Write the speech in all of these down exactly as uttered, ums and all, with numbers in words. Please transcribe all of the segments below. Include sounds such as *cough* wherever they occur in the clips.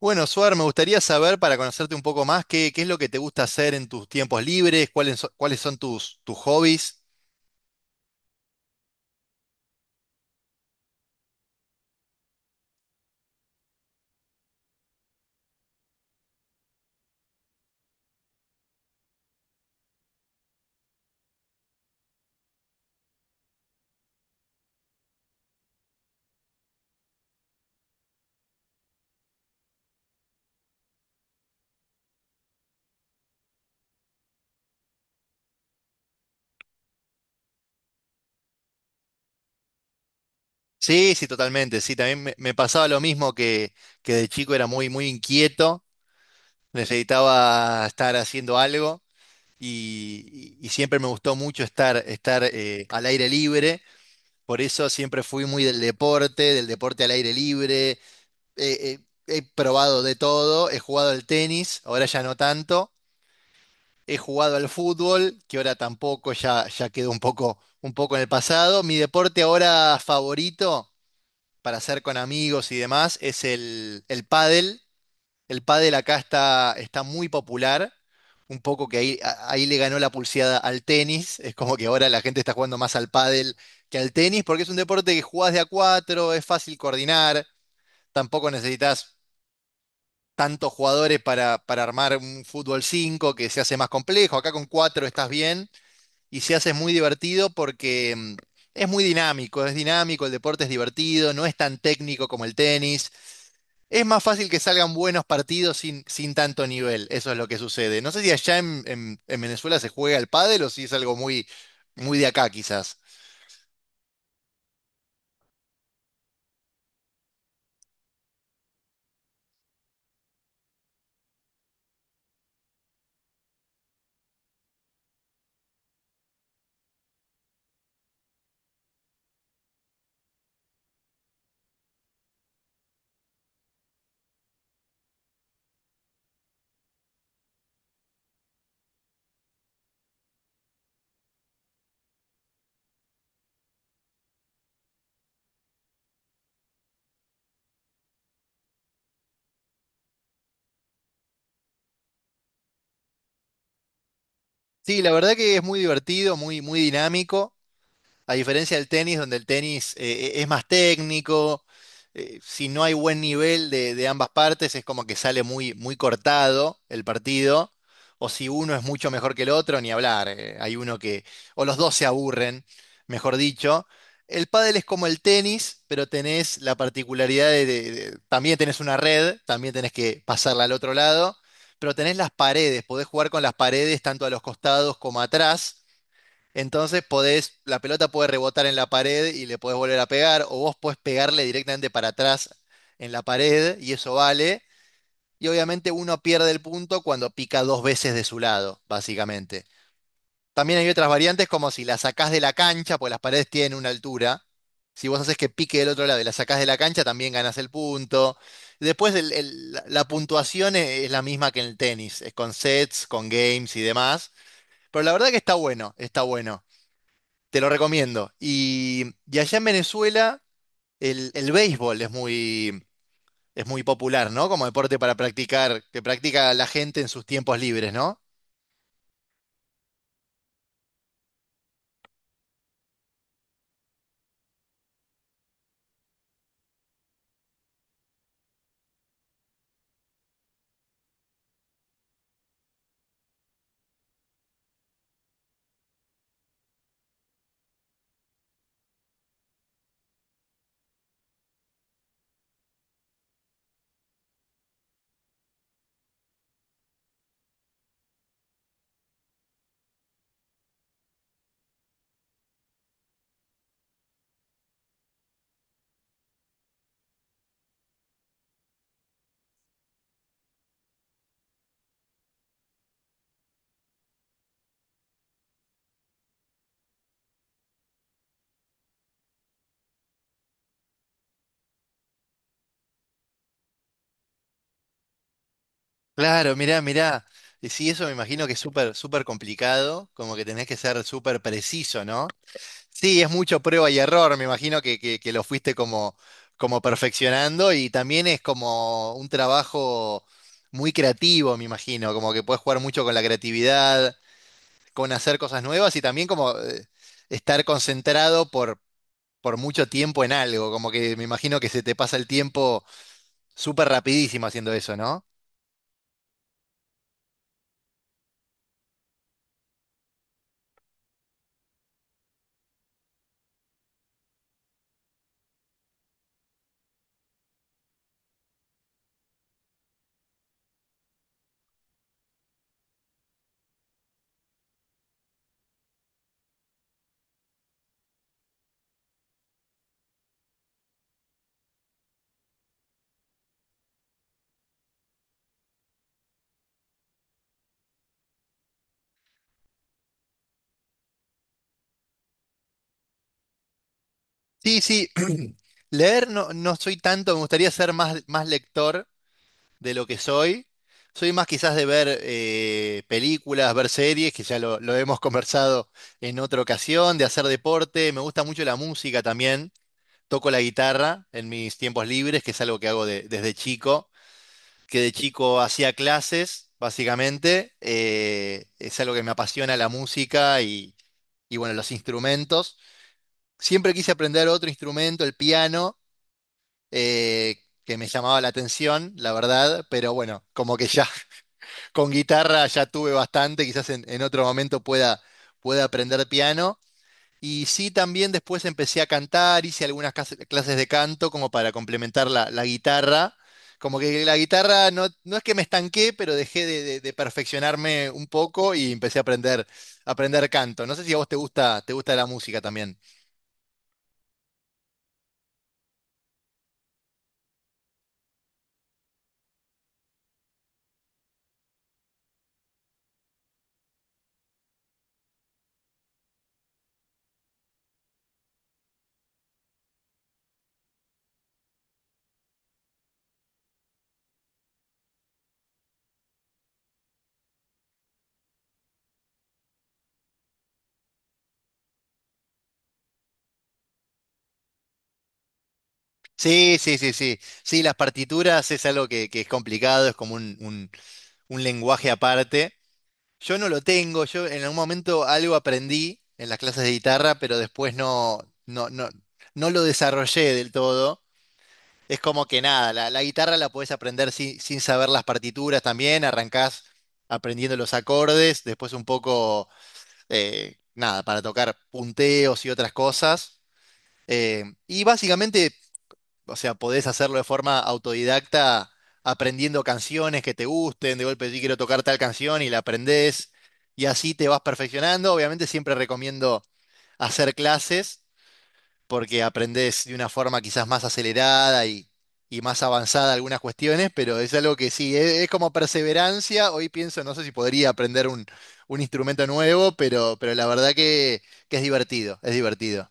Bueno, Suar, me gustaría saber, para conocerte un poco más, qué, qué es lo que te gusta hacer en tus tiempos libres, cuáles, so- cuáles son tus, tus hobbies. Sí, sí, totalmente. Sí, también me, me pasaba lo mismo que, que de chico era muy, muy inquieto, necesitaba estar haciendo algo y, y- y siempre me gustó mucho estar, estar eh, al aire libre. Por eso siempre fui muy del deporte, del deporte al aire libre. Eh, eh, he probado de todo, he jugado al tenis, ahora ya no tanto. He jugado al fútbol, que ahora tampoco, ya, ya quedó un poco, un poco en el pasado. Mi deporte ahora favorito para hacer con amigos y demás es el, el pádel. El pádel acá está, está muy popular, un poco que ahí, a- ahí le ganó la pulseada al tenis. Es como que ahora la gente está jugando más al pádel que al tenis, porque es un deporte que jugás de a cuatro, es fácil coordinar, tampoco necesitas tantos jugadores para, para armar un fútbol cinco que se hace más complejo. Acá con cuatro estás bien y se hace muy divertido porque mm, es muy dinámico, es dinámico, el deporte es divertido, no es tan técnico como el tenis. Es más fácil que salgan buenos partidos sin, sin tanto nivel, eso es lo que sucede. No sé si allá en, en- en Venezuela se juega el pádel o si es algo muy, muy de acá quizás. Sí, la verdad que es muy divertido, muy, muy dinámico. A diferencia del tenis, donde el tenis eh, eh, es más técnico, eh, si no hay buen nivel de, de ambas partes, es como que sale muy, muy cortado el partido. O si uno es mucho mejor que el otro, ni hablar. Eh, hay uno que, o los dos se aburren, mejor dicho. El pádel es como el tenis, pero tenés la particularidad de, de- de- también tenés una red, también tenés que pasarla al otro lado, pero tenés las paredes, podés jugar con las paredes tanto a los costados como atrás, entonces podés, la pelota puede rebotar en la pared y le podés volver a pegar, o vos podés pegarle directamente para atrás en la pared y eso vale. Y obviamente uno pierde el punto cuando pica dos veces de su lado, básicamente. También hay otras variantes como si la sacás de la cancha, pues las paredes tienen una altura. Si vos haces que pique del otro lado y la sacás de la cancha, también ganás el punto. Después el- el- la la puntuación es es la misma que en el tenis, es con sets, con games y demás. Pero la verdad que está bueno, está bueno. Te lo recomiendo. Y, y allá en Venezuela el, el béisbol es muy, es muy popular, ¿no? Como deporte para practicar, que practica la gente en sus tiempos libres, ¿no? Claro, mirá, mirá. Y sí, eso me imagino que es súper, súper complicado, como que tenés que ser súper preciso, ¿no? Sí, es mucho prueba y error, me imagino que, que, que lo fuiste como, como perfeccionando y también es como un trabajo muy creativo, me imagino, como que puedes jugar mucho con la creatividad con hacer cosas nuevas y también como eh, estar concentrado por, por mucho tiempo en algo, como que me imagino que se te pasa el tiempo súper rapidísimo haciendo eso, ¿no? Sí, sí, *clears throat* leer no, no soy tanto, me gustaría ser más, más lector de lo que soy. Soy más quizás de ver eh, películas, ver series, que ya lo, lo hemos *laughs* conversado en otra ocasión, de hacer deporte, me gusta mucho la música también, toco la guitarra en mis tiempos libres, que es algo que hago de- desde chico que de chico hacía clases, básicamente. Eh, es algo que me apasiona la música y, y, bueno, los instrumentos. Siempre quise aprender otro instrumento, el piano, eh, que me llamaba la atención, la verdad, pero bueno, como que ya *laughs* con guitarra ya tuve bastante, quizás en, en otro momento pueda, pueda aprender piano. Y sí, también después empecé a cantar, hice algunas cas- clases de canto como para complementar la, la guitarra. Como que la guitarra no, no es que me estanqué, pero dejé de, de- de perfeccionarme un poco y empecé a aprender, a aprender canto. No sé si a vos te gusta, te gusta la música también. Sí, sí, sí, sí. Sí, las partituras es algo que, que es complicado, es como un, un- un lenguaje aparte. Yo no lo tengo, yo en algún momento algo aprendí en las clases de guitarra, pero después no, no, no, no lo desarrollé del todo. Es como que nada, la, la guitarra la podés aprender sin, sin saber las partituras también, arrancás aprendiendo los acordes, después un poco, eh, nada, para tocar punteos y otras cosas. Eh, y básicamente, o sea, podés hacerlo de forma autodidacta aprendiendo canciones que te gusten, de golpe sí quiero tocar tal canción y la aprendés y así te vas perfeccionando. Obviamente siempre recomiendo hacer clases porque aprendés de una forma quizás más acelerada y, y más avanzada algunas cuestiones, pero es algo que sí, es, es como perseverancia. Hoy pienso, no sé si podría aprender un, un instrumento nuevo, pero, pero la verdad que, que es divertido, es divertido.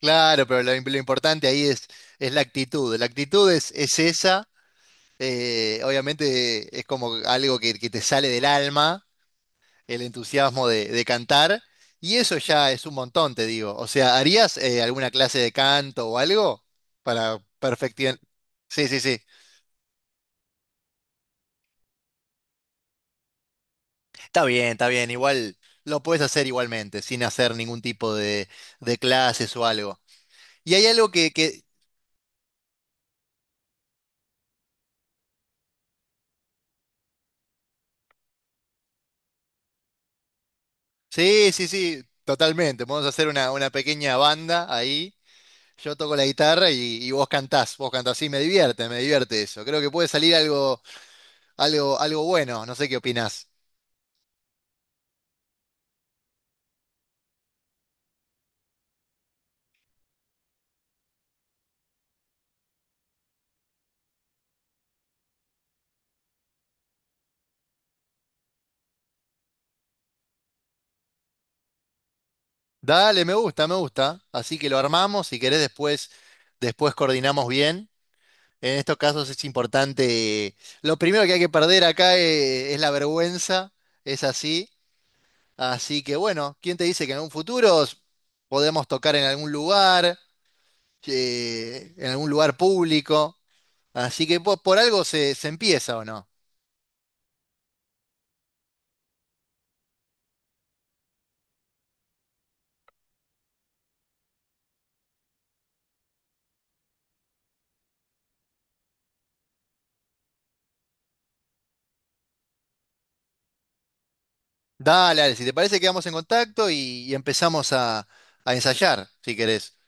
Claro, pero lo, im- lo importante ahí es, es la actitud. La actitud es, es esa. Eh, obviamente es como algo que, que te sale del alma, el entusiasmo de, de cantar, y eso ya es un montón, te digo. O sea, ¿harías eh, alguna clase de canto o algo para perfeccionar? Sí, sí, sí. Está bien, está bien. Igual lo puedes hacer igualmente, sin hacer ningún tipo de, de clases o algo. Y hay algo que, que... Sí, sí, sí, totalmente. Podemos hacer una, una pequeña banda ahí. Yo toco la guitarra y, y vos cantás, vos cantás y me divierte, me divierte eso. Creo que puede salir algo, algo, algo bueno, no sé qué opinás. Dale, me gusta, me gusta. Así que lo armamos, si querés después, después coordinamos bien. En estos casos es importante. Lo primero que hay que perder acá eh, es, la vergüenza, es así. Así que bueno, ¿quién te dice que en un futuro s- podemos tocar en algún lugar, eh, en algún lugar público? Así que po- por, algo se se empieza, ¿o no? Dale, dale, si te parece, quedamos en contacto y, y empezamos a, a ensayar, si querés.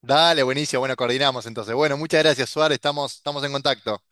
Dale, buenísimo, bueno, coordinamos entonces. Bueno, muchas gracias, Suárez, estamos, estamos en contacto.